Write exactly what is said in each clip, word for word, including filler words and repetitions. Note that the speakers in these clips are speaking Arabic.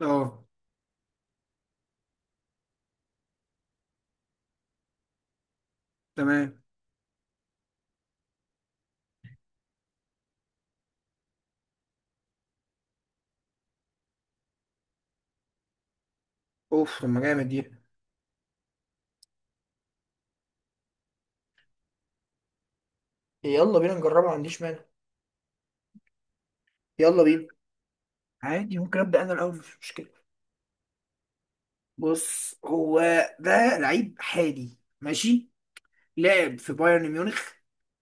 اه. تمام. اوف، طب ما جامد دي. يلا بينا نجربها، ما عنديش مانع. يلا بينا. عادي، ممكن ابدا انا الاول، مش مشكله. بص، هو ده لعيب حالي، ماشي. لعب في بايرن ميونخ.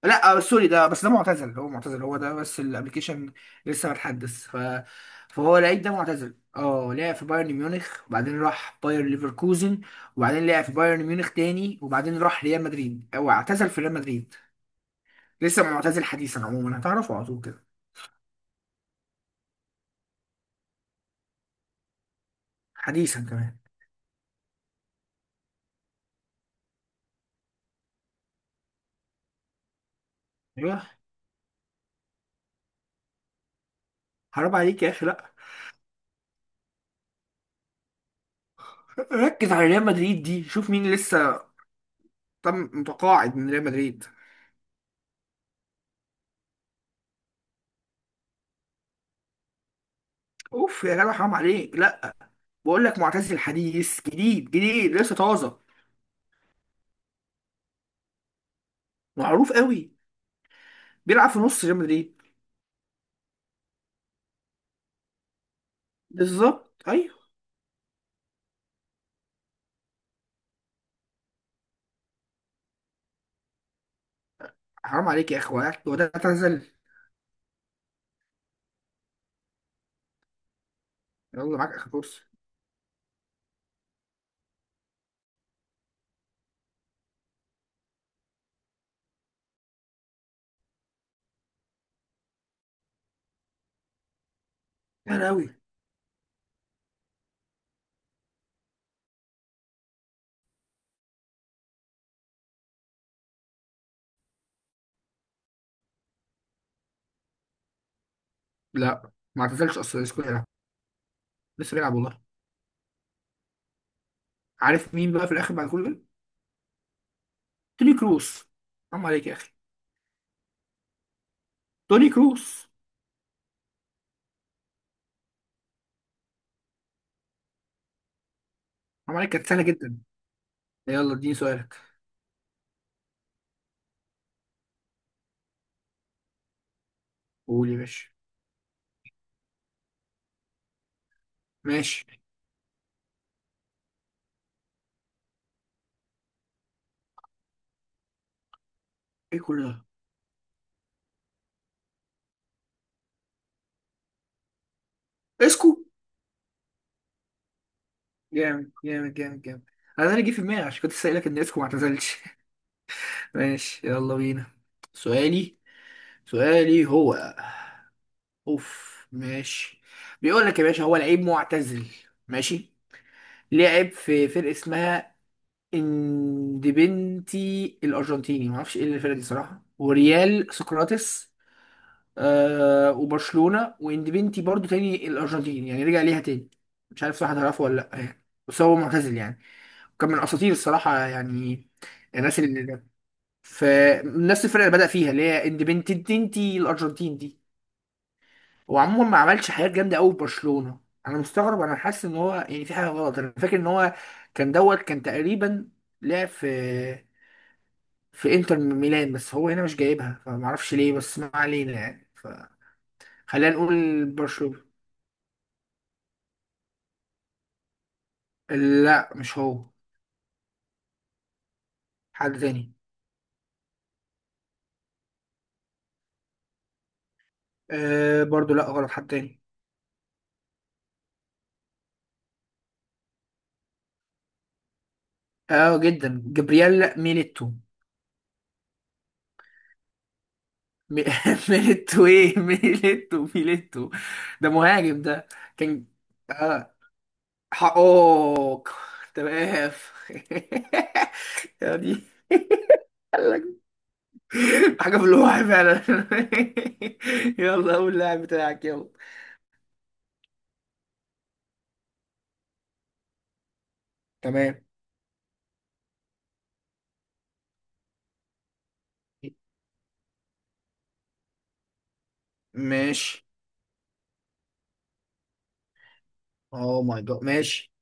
لا، آه، سوري، ده بس ده معتزل. هو معتزل، هو ده بس الابلكيشن لسه متحدث ف... فهو لعيب ده معتزل. اه، لعب في بايرن ميونخ، وبعدين راح باير ليفركوزن، وبعدين لعب في بايرن ميونخ تاني، وبعدين راح ريال مدريد. هو اعتزل في ريال مدريد، لسه معتزل حديثا. عموما هتعرفه على طول كده. حديثا كمان. ايوه. حرام عليك يا اخي، لا. ركز على ريال مدريد دي، شوف مين لسه طم متقاعد من ريال مدريد. اوف يا جدع، حرام عليك، لا. بقول لك معتزل حديث، جديد جديد، لسه طازه، معروف قوي، بيلعب في نص ريال مدريد. بالظبط، ايوه. حرام عليك يا اخي، وقعت- هو ده اعتزل. يلا معاك اخر فرصه. سهل قوي. لا، ما اعتزلش اصلا، لسه بيلعب. لسه بيلعب والله. عارف مين بقى في الاخر بعد كل ده؟ توني كروس. حرام عليك يا اخي. توني كروس. حرام عليك، كانت سهله جدا. يلا اديني سؤالك. قول يا باشا. ماشي. ايه كل ده؟ اسكو. جامد جامد جامد جامد. انا اللي جه في دماغي عشان كنت سائلك ان اسكو ما اعتزلش. ماشي يلا بينا. سؤالي سؤالي هو، اوف، ماشي. بيقول لك يا باشا، هو لعيب معتزل، ماشي. لعب في فرقه اسمها اندبنتي الارجنتيني، ما اعرفش ايه الفرقه دي صراحه، وريال سقراطس. آه، وبرشلونه، واندبنتي برضو تاني الارجنتين يعني، رجع ليها تاني. مش عارف صح هتعرفه ولا لا يعني، بس هو معتزل يعني. وكان من اساطير الصراحه يعني. الناس اللي فنفس الفرقه اللي بدأ فيها اللي هي اندبنتي تنتي الارجنتين دي، وعموما ما عملش حاجات جامده قوي في برشلونه. انا مستغرب، انا حاسس ان هو يعني في حاجه غلط. انا فاكر ان هو كان دوت كان تقريبا لعب في في انتر ميلان، بس هو هنا مش جايبها فما اعرفش ليه، بس ما علينا يعني. فخلينا نقول برشلونه. لا مش هو، حد تاني. آه برضو، لا غلط، حد تاني. اه جدا، جبريال ميليتو. مي- ميليتو، ايه ميليتو ميليتو ده مهاجم، ده كان. اه. حقوق. تمام. يا دي. قال لك. حاجة في الواقع فعلا. يلا قول اللاعب بتاعك، يلا. تمام. ماشي. اوه ماي جاد. ماشي.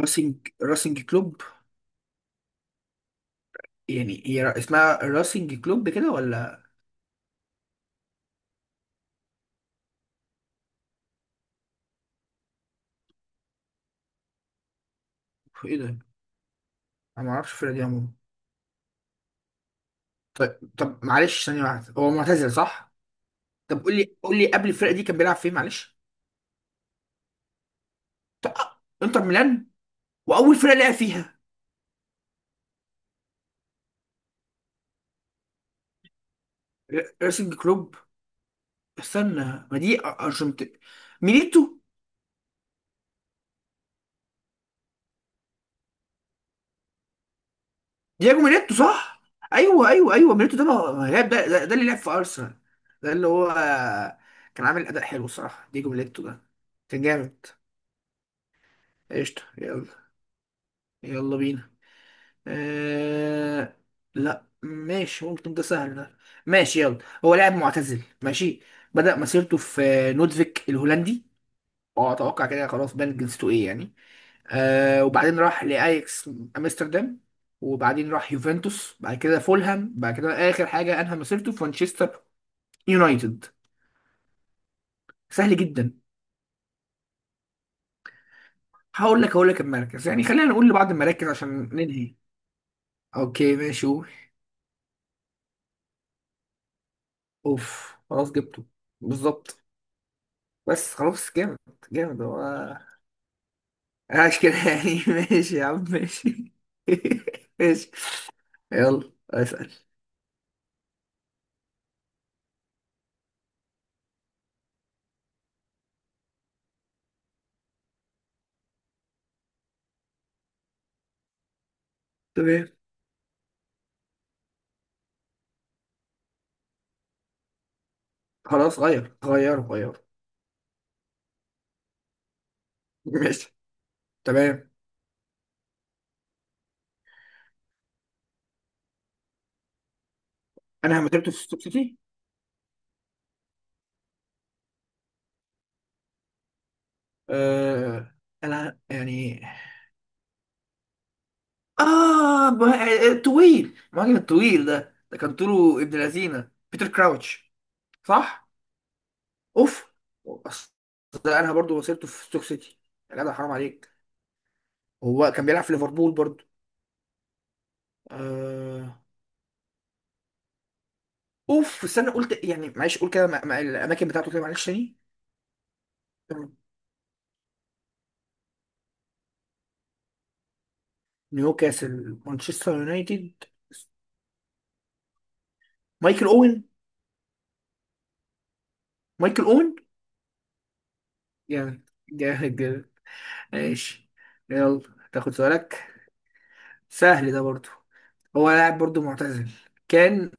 راسينج راسينج كلوب. يعني هي را- اسمها راسنج كلوب كده ولا ايه ده؟ انا ما اعرفش الفرقه دي عموما. طيب، طب معلش ثانيه واحده، هو معتزل صح؟ طب قول لي قول لي قبل الفرقه دي كان بيلعب فين، معلش. طب آه، انتر ميلان. واول فرقه لعب فيها ر- راسنج كلوب. استنى، ما دي أ- ارجنت. ميليتو. دياجو ميليتو، صح. ايوه، ايوه، ايوه. ميليتو ده ما ما لعب، ده, ده, ده اللي لعب في ارسنال. ده اللي هو كان عامل اداء حلو الصراحه، دياجو ميليتو ده كان جامد. قشطه يلا. يلا بينا. آه... لا ماشي، ممكن ده سهل ده. ماشي يلا. هو لاعب معتزل، ماشي. بدأ مسيرته في نودفيك الهولندي. اه اتوقع كده، خلاص بان جنسيته ايه يعني. آه، وبعدين راح لاياكس امستردام، وبعدين راح يوفنتوس، بعد كده فولهام، بعد كده اخر حاجه انهى مسيرته في مانشستر يونايتد. سهل جدا. هقول لك هقول لك المركز يعني، خلينا نقول لبعض المراكز عشان ننهي. اوكي ماشي، قول. اوف خلاص جبته. بالظبط. بس خلاص، جامد. جامد هو. عاش كده يعني. ماشي يا عم، ماشي. ماشي، يلا اسأل. تمام. خلاص، غير غير غير. ماشي. تمام، انا مدربته في ستوك سيتي. آه. انا يعني، اه، ما- طويل، المهاجم الطويل ده ده كان طوله ابن لذينه، بيتر كراوتش صح؟ اوف. أصل ده انا برضو وصلته في ستوك سيتي، يا جدع حرام عليك. هو كان بيلعب في ليفربول برضو. آه. اوف، استنى قلت يعني، معلش قول كده مع- مع الاماكن بتاعته كده، معلش تاني. تمام. نيوكاسل، مانشستر يونايتد. مايكل اوين. مايكل اوين. جامد جامد جامد. ماشي. يلا تاخد سؤالك. سهل ده برضو. هو لاعب برضو معتزل. كان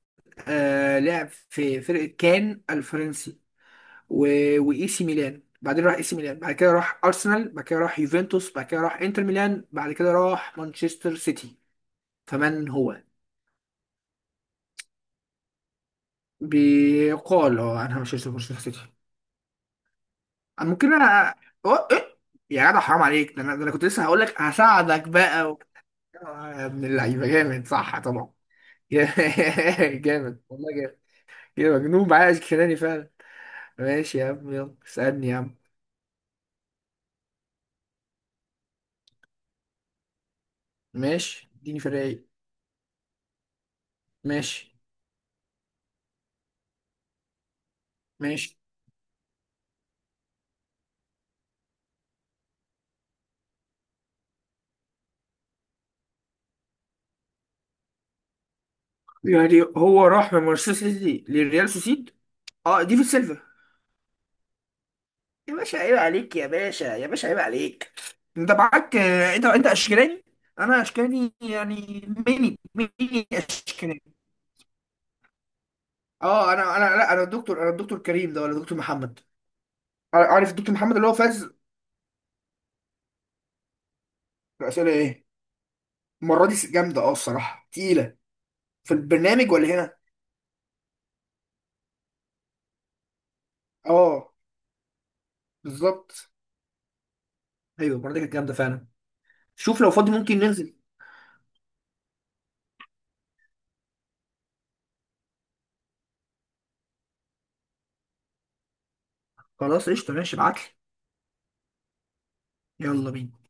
آه، لعب في فرقة كان الفرنسي و... وإي سي ميلان، بعدين راح اي سي ميلان، بعد كده راح ارسنال، بعد كده راح يوفنتوس، بعد كده راح انتر ميلان، بعد كده راح مانشستر سيتي. فمن هو؟ بيقال هو، انا مش هشتري مانشستر سيتي. ممكن انا أو... إيه؟ يا جدع حرام عليك، ده انا ده انا كنت لسه هقول لك هساعدك بقى و... يا ابن اللعيبه، جامد صح طبعا. جامد والله، جامد. يا مجنون، معايا اشكناني فعلا. ماشي يا عم، يلا اسالني يا عم. ماشي، اديني في الرايق. ماشي ماشي يعني هو راح من مانشستر سيتي للريال سوسيد. اه، ديفيد سيلفا. يا باشا عيب عليك، يا باشا، يا باشا عيب عليك. انت معاك آه، انت انت اشكالاني، انا اشكالاني يعني. ميني ميني اشكالاني. اه، انا انا لا، انا الدكتور انا الدكتور كريم ده ولا الدكتور محمد؟ عار- عارف الدكتور محمد اللي هو فاز. الاسئله ايه؟ المره دي جامده، اه الصراحه تقيله. في البرنامج ولا هنا؟ اه، بالظبط، ايوه، المره دي كانت جامده فعلا. شوف لو فاضي ممكن ننزل. خلاص قشطه، ماشي، ابعت لي. يلا بينا.